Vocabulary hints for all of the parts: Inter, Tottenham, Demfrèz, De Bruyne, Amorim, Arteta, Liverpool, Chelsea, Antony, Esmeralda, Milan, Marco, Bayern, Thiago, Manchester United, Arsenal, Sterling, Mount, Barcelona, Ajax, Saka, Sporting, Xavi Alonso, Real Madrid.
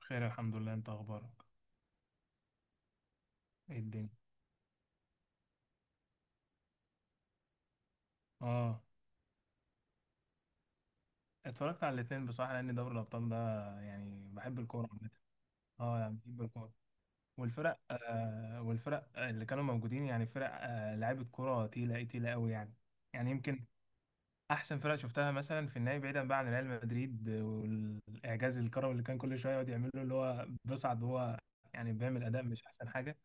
خير، الحمد لله. انت اخبارك ايه الدنيا؟ اه اتفرجت على الاثنين بصراحه، لان دوري الابطال ده يعني بحب الكوره عامه. اه يعني بحب الكوره، والفرق اللي كانوا موجودين يعني فرق لعيبه كوره تقيله، ايه تقيله قوي يعني. يعني يمكن احسن فرق شفتها مثلا في النهائي بعيدا بقى عن ريال مدريد والاعجاز الكروي اللي كان كل شويه يقعد يعمله، اللي هو بيصعد وهو يعني بيعمل اداء مش احسن حاجه.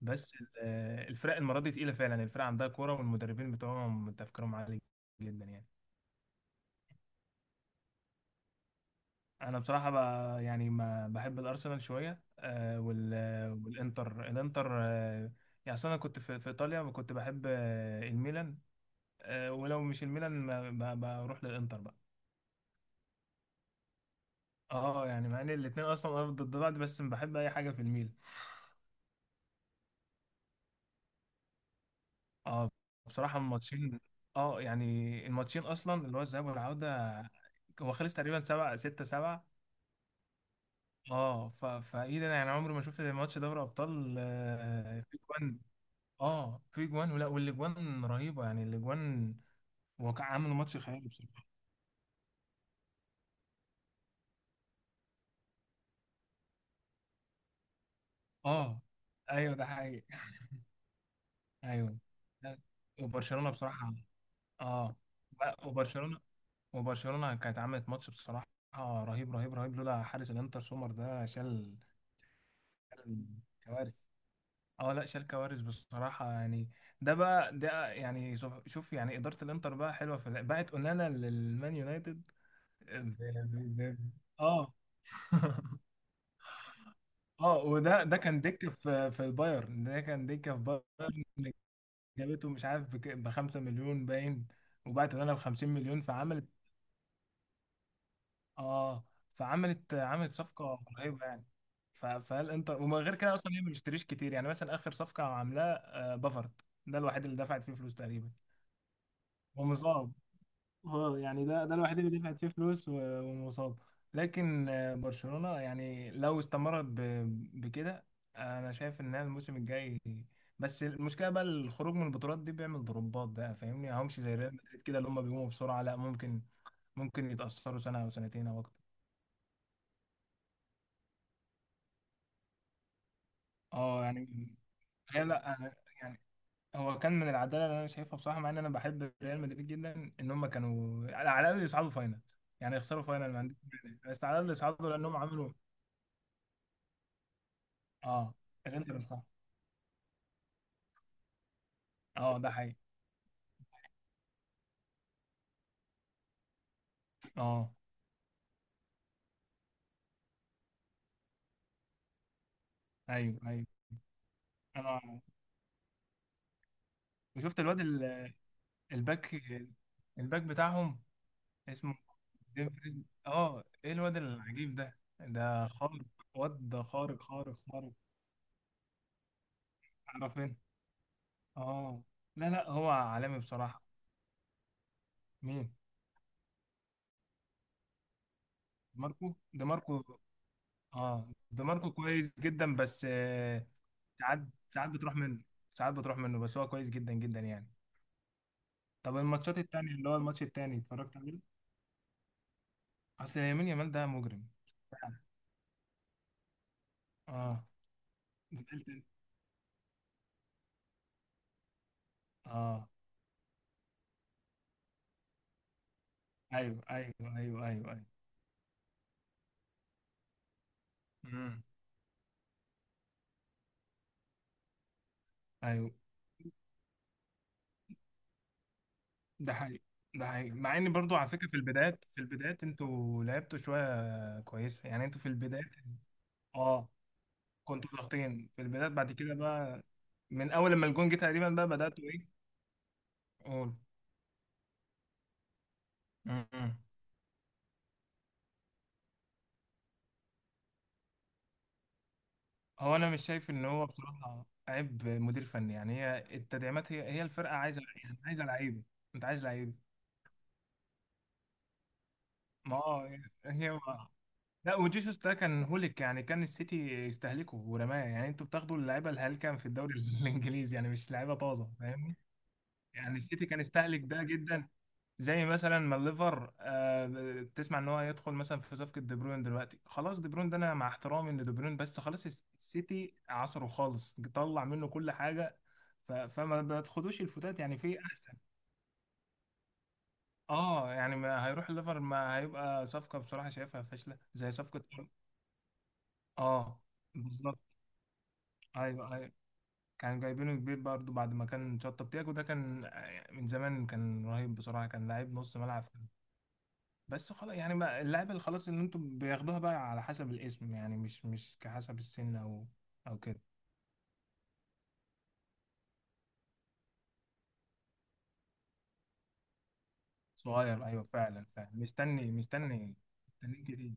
بس الفرق المره دي تقيله فعلا، الفرق عندها كوره والمدربين بتوعهم تفكيرهم عالي جدا يعني. انا بصراحه بقى يعني ما بحب الارسنال شويه وال والانتر الانتر يعني أصل انا كنت في ايطاليا، كنت بحب الميلان، ولو مش الميلان بروح للانتر بقى. اه يعني مع ان الاثنين اصلا أرض ضد بعض، بس بحب اي حاجه في الميلان. اه بصراحه الماتشين، اه يعني الماتشين اصلا اللي هو الذهاب والعوده، هو خلص تقريبا 7-6، 7. اه ف... فايه ده، انا يعني عمري ما شفت ماتش دوري ابطال في جوان. اه في جوان، ولا والاجوان رهيبه يعني الاجوان، هو كان عامل ماتش خيالي بصراحه. اه ايوه ده حقيقي. ايوه، لا، وبرشلونه بصراحه. اه وبرشلونه، وبرشلونه كانت عملت ماتش بصراحه رهيب رهيب رهيب، لولا حارس الانتر سومر ده شال. شال كوارث. اه لا شال كوارث بصراحه يعني. ده بقى يعني شوف شوف يعني اداره الانتر بقى حلوه، بقت اونانا للمان يونايتد ب- ب- ب- اه اه وده كان دكة في البايرن، ده كان دكة في بايرن اللي جابته مش عارف بـ5 مليون باين، وبعت لنا بـ50 مليون فعملت. اه عملت صفقة رهيبة يعني. ف- فالانتر ومن غير كده اصلا هي ما بتشتريش كتير، يعني مثلا اخر صفقة عاملاها بافارد، ده الوحيد اللي دفعت فيه فلوس تقريبا. ومصاب. اه يعني ده الوحيد اللي دفعت فيه فلوس ومصاب. لكن برشلونة يعني لو استمرت بكده، انا شايف انها الموسم الجاي. بس المشكلة بقى، الخروج من البطولات دي بيعمل ضربات بقى، فاهمني يعني همش زي ريال مدريد كده اللي هم بيقوموا بسرعة، لا ممكن ممكن يتأثروا سنة او سنتين او اكتر. اه يعني هي لا أنا- يعني هو كان من العدالة اللي انا شايفها بصراحة، مع ان انا بحب ريال مدريد جدا، ان هم كانوا على الاقل يصعدوا فاينل. يعني يخسروا فاينل ما عنديش مانع، بس على الاقل يصعدوا لانهم عملوا. اه الانتر صح. اه ده حقيقي. اه ايوه ايوه. انا وشفت الباك، الباك بتاعهم اسمه ديمفريز. اه ايه الواد العجيب ده، ده خارق. واد ده خارق خارق خارق. عارفين. اه لا لا هو عالمي بصراحة. مين؟ ماركو، ده ماركو. اه ده ماركو كويس جدا، بس ساعات ساعات بتروح منه ساعات بتروح منه، بس هو كويس جدا جدا يعني. طب الماتشات التانية اللي هو الماتش التاني اتفرجت عليه؟ اصل يمين يامال ده مجرم. اه زعلت انت. اه ايوه ايوه ايوه ايوه ايوه. امم. ايوه ده حقيقي. ده حقيقي، مع ان برضو على فكره في البدايات، انتوا لعبتوا شويه كويسه يعني انتوا في البدايات. اه كنتوا ضاغطين في البدايات، بعد كده بقى من اول لما الجون جه تقريبا بقى بداتوا ايه. قول. امم. انا مش شايف ان هو بصراحه عيب مدير فني، يعني هي التدعيمات، هي الفرقه عايزه، يعني عايزه لعيبه. انت عايز لعيبه. ما هو، هي لا وجيسوس ده كان هوليك يعني كان السيتي يستهلكه ورماه، يعني انتوا بتاخدوا اللعيبه الهلكه في الدوري الانجليزي، يعني مش لعيبه طازه فاهمني. يعني السيتي كان يستهلك ده جدا. زي مثلا ما الليفر تسمع ان هو هيدخل مثلا في صفقه دي بروين دلوقتي، خلاص دي بروين ده، انا مع احترامي ان دي بروين، بس خلاص السيتي عصره خالص، طلع منه كل حاجه. ف- فما بتاخدوش الفتات يعني في احسن. اه يعني ما هيروح الليفر، ما هيبقى صفقه بصراحه شايفها فاشله زي صفقه. اه بالظبط. ايوه ايوه. كان جايبينه كبير برضه بعد ما كان شطب تياجو، ده كان من زمان كان رهيب بصراحة، كان لعيب نص ملعب. بس خلاص يعني بقى اللعيبة اللي خلاص اللي انتوا بياخدوها بقى على حسب الاسم، يعني مش كحسب السن او او كده. صغير ايوه فعلا فعلا. مستني مستني كتير.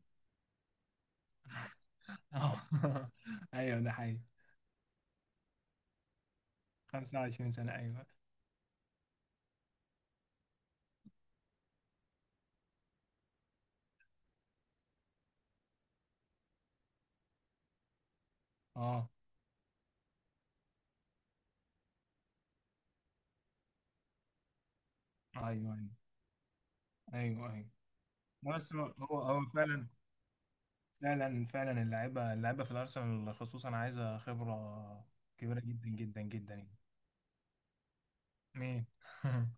اه ايوه ده حقيقي. 25 سنة ايوه. اه ايوه ايوه ايوه ايوه. لا، بس هو فعلا. فعلا فعلا، اللعيبه في الارسنال خصوصا عايزه خبره كبيره جدا جدا جدا يعني. مين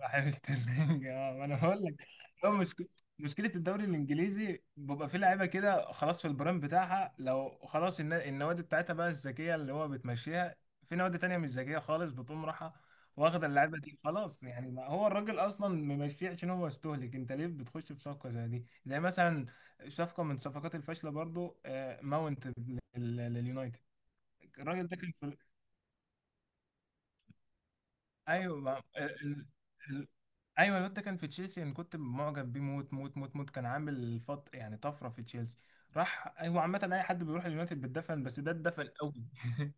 راح ستيرلينج اه انا بقول لك، هو مشك... مشكله الدوري الانجليزي بيبقى فيه لعيبه كده خلاص في البرايم بتاعها، لو خلاص النوادي بتاعتها بقى الذكيه اللي هو بتمشيها. في نوادي تانية مش ذكيه خالص بتقوم رايحه واخده اللعيبه دي خلاص، يعني ما هو الراجل اصلا ممشيه عشان هو مستهلك، انت ليه بتخش في صفقه زي دي؟ زي مثلا صفقه من صفقات الفاشله برضو ماونت لليونايتد. الراجل ده كان في، ايوه ال... ايوه الواد ده كان في تشيلسي، انا كنت معجب بيه موت موت موت موت، كان عامل فط يعني طفره في تشيلسي. راح، هو عامه اي حد بيروح اليونايتد بيتدفن، بس ده اتدفن قوي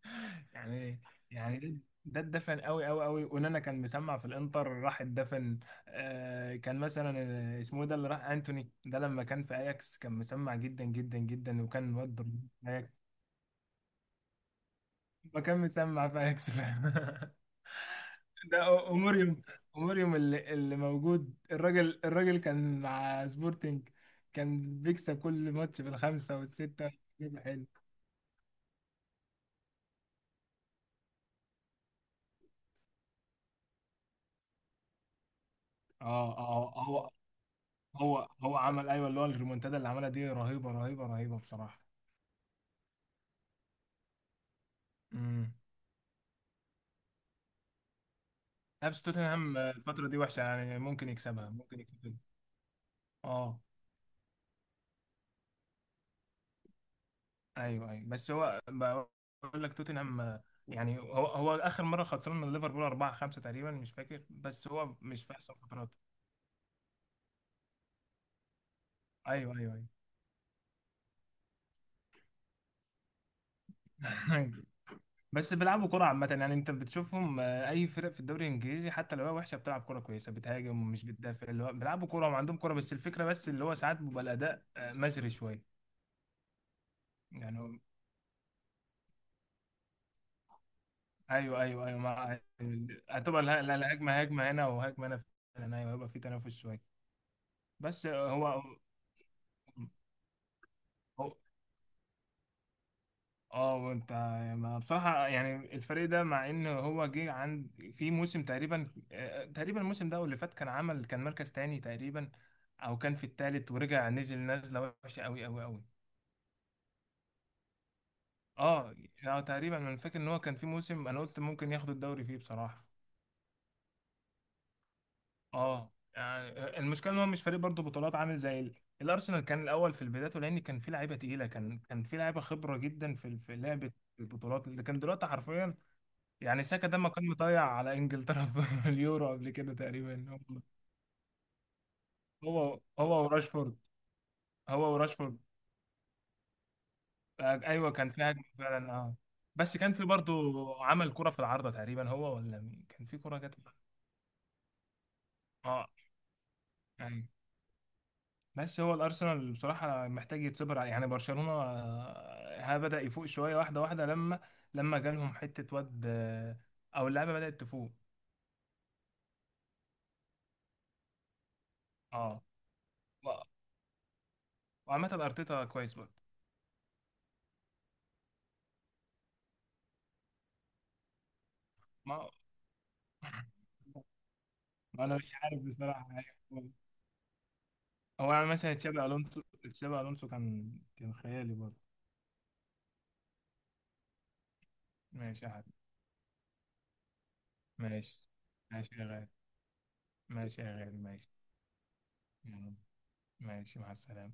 يعني. يعني ده ده اتدفن قوي قوي قوي. ونانا كان مسمع في الانتر راح اتدفن. آه كان مثلا آه، اسمه إيه ده اللي راح، انتوني ده لما كان في اياكس كان مسمع جدا جدا جدا، وكان واد رهيب في اياكس. ما كان مسمع في اياكس فعلا ده أموريوم، أموريوم اللي موجود، الراجل كان مع سبورتنج، كان بيكسب كل ماتش بالـ5 والـ6. جيب حلو. اه اه هو، هو هو عمل ايوه اللي هو الريمونتادا اللي عملها دي رهيبة رهيبة رهيبة بصراحة. امم. نفس توتنهام الفترة دي وحشة يعني، ممكن يكسبها ممكن يكسبها. اه ايوه ايوه، بس هو بقول لك توتنهام، يعني هو اخر مرة خسران من ليفربول 4-5 تقريبا مش فاكر، بس هو مش في احسن فتراته. ايوه ايوه ايوه بس بيلعبوا كرة عامة يعني، انت بتشوفهم اي فرق في الدوري الانجليزي حتى لو هي وحشة بتلعب كرة كويسة، بتهاجم ومش بتدافع، اللي هو بيلعبوا كرة وعندهم كرة، بس الفكرة بس اللي هو ساعات بيبقى الاداء مزري شوية. يعني هو- ايوه ايوه ايوه مع لا لا هجمة، هجمة هنا وهجمة هنا. فعلا ايوه هيبقى في تنافس شوية. بس آه، هو هو اه وانت، ما بصراحة يعني الفريق ده، مع ان هو جه عند، في موسم تقريبا تقريبا الموسم ده أو اللي فات كان عمل كان مركز تاني تقريبا، او كان في التالت ورجع نزل نزلة وحشة قوي قوي قوي. اه يعني تقريبا انا فاكر ان هو كان في موسم انا قلت ممكن ياخد الدوري فيه بصراحة. اه يعني المشكلة ان هو مش فريق برضه بطولات، عامل زي الارسنال. كان الاول في البداية لان كان في لعيبة تقيلة، كان في لعيبة خبرة جدا في لعبة البطولات، اللي كان دلوقتي حرفيا يعني ساكا ده ما كان مطيع على انجلترا في اليورو قبل كده تقريبا. هو وراشفورد. هو وراشفورد ايوه كان في هجمه فعلا. اه بس كان في برضو عمل كرة في العارضة تقريبا، هو ولا مين، كان في كرة جت. اه ايوه. بس هو الارسنال بصراحة محتاج يتصبر عليه. يعني برشلونة ها بدأ يفوق شوية واحدة واحدة، لما لما جالهم حتة واد او اللعبة بدأت تفوق. اه و- وعامة ارتيتا كويس برضه. ما ما انا مش عارف بصراحة. هو يعني مثلا تشابي الونسو، كان كان خيالي برضه. ماشي يا حبيبي. ماشي. ماشي يا غالي. ماشي يا غالي، ماشي. يلا. ماشي، مع السلامة.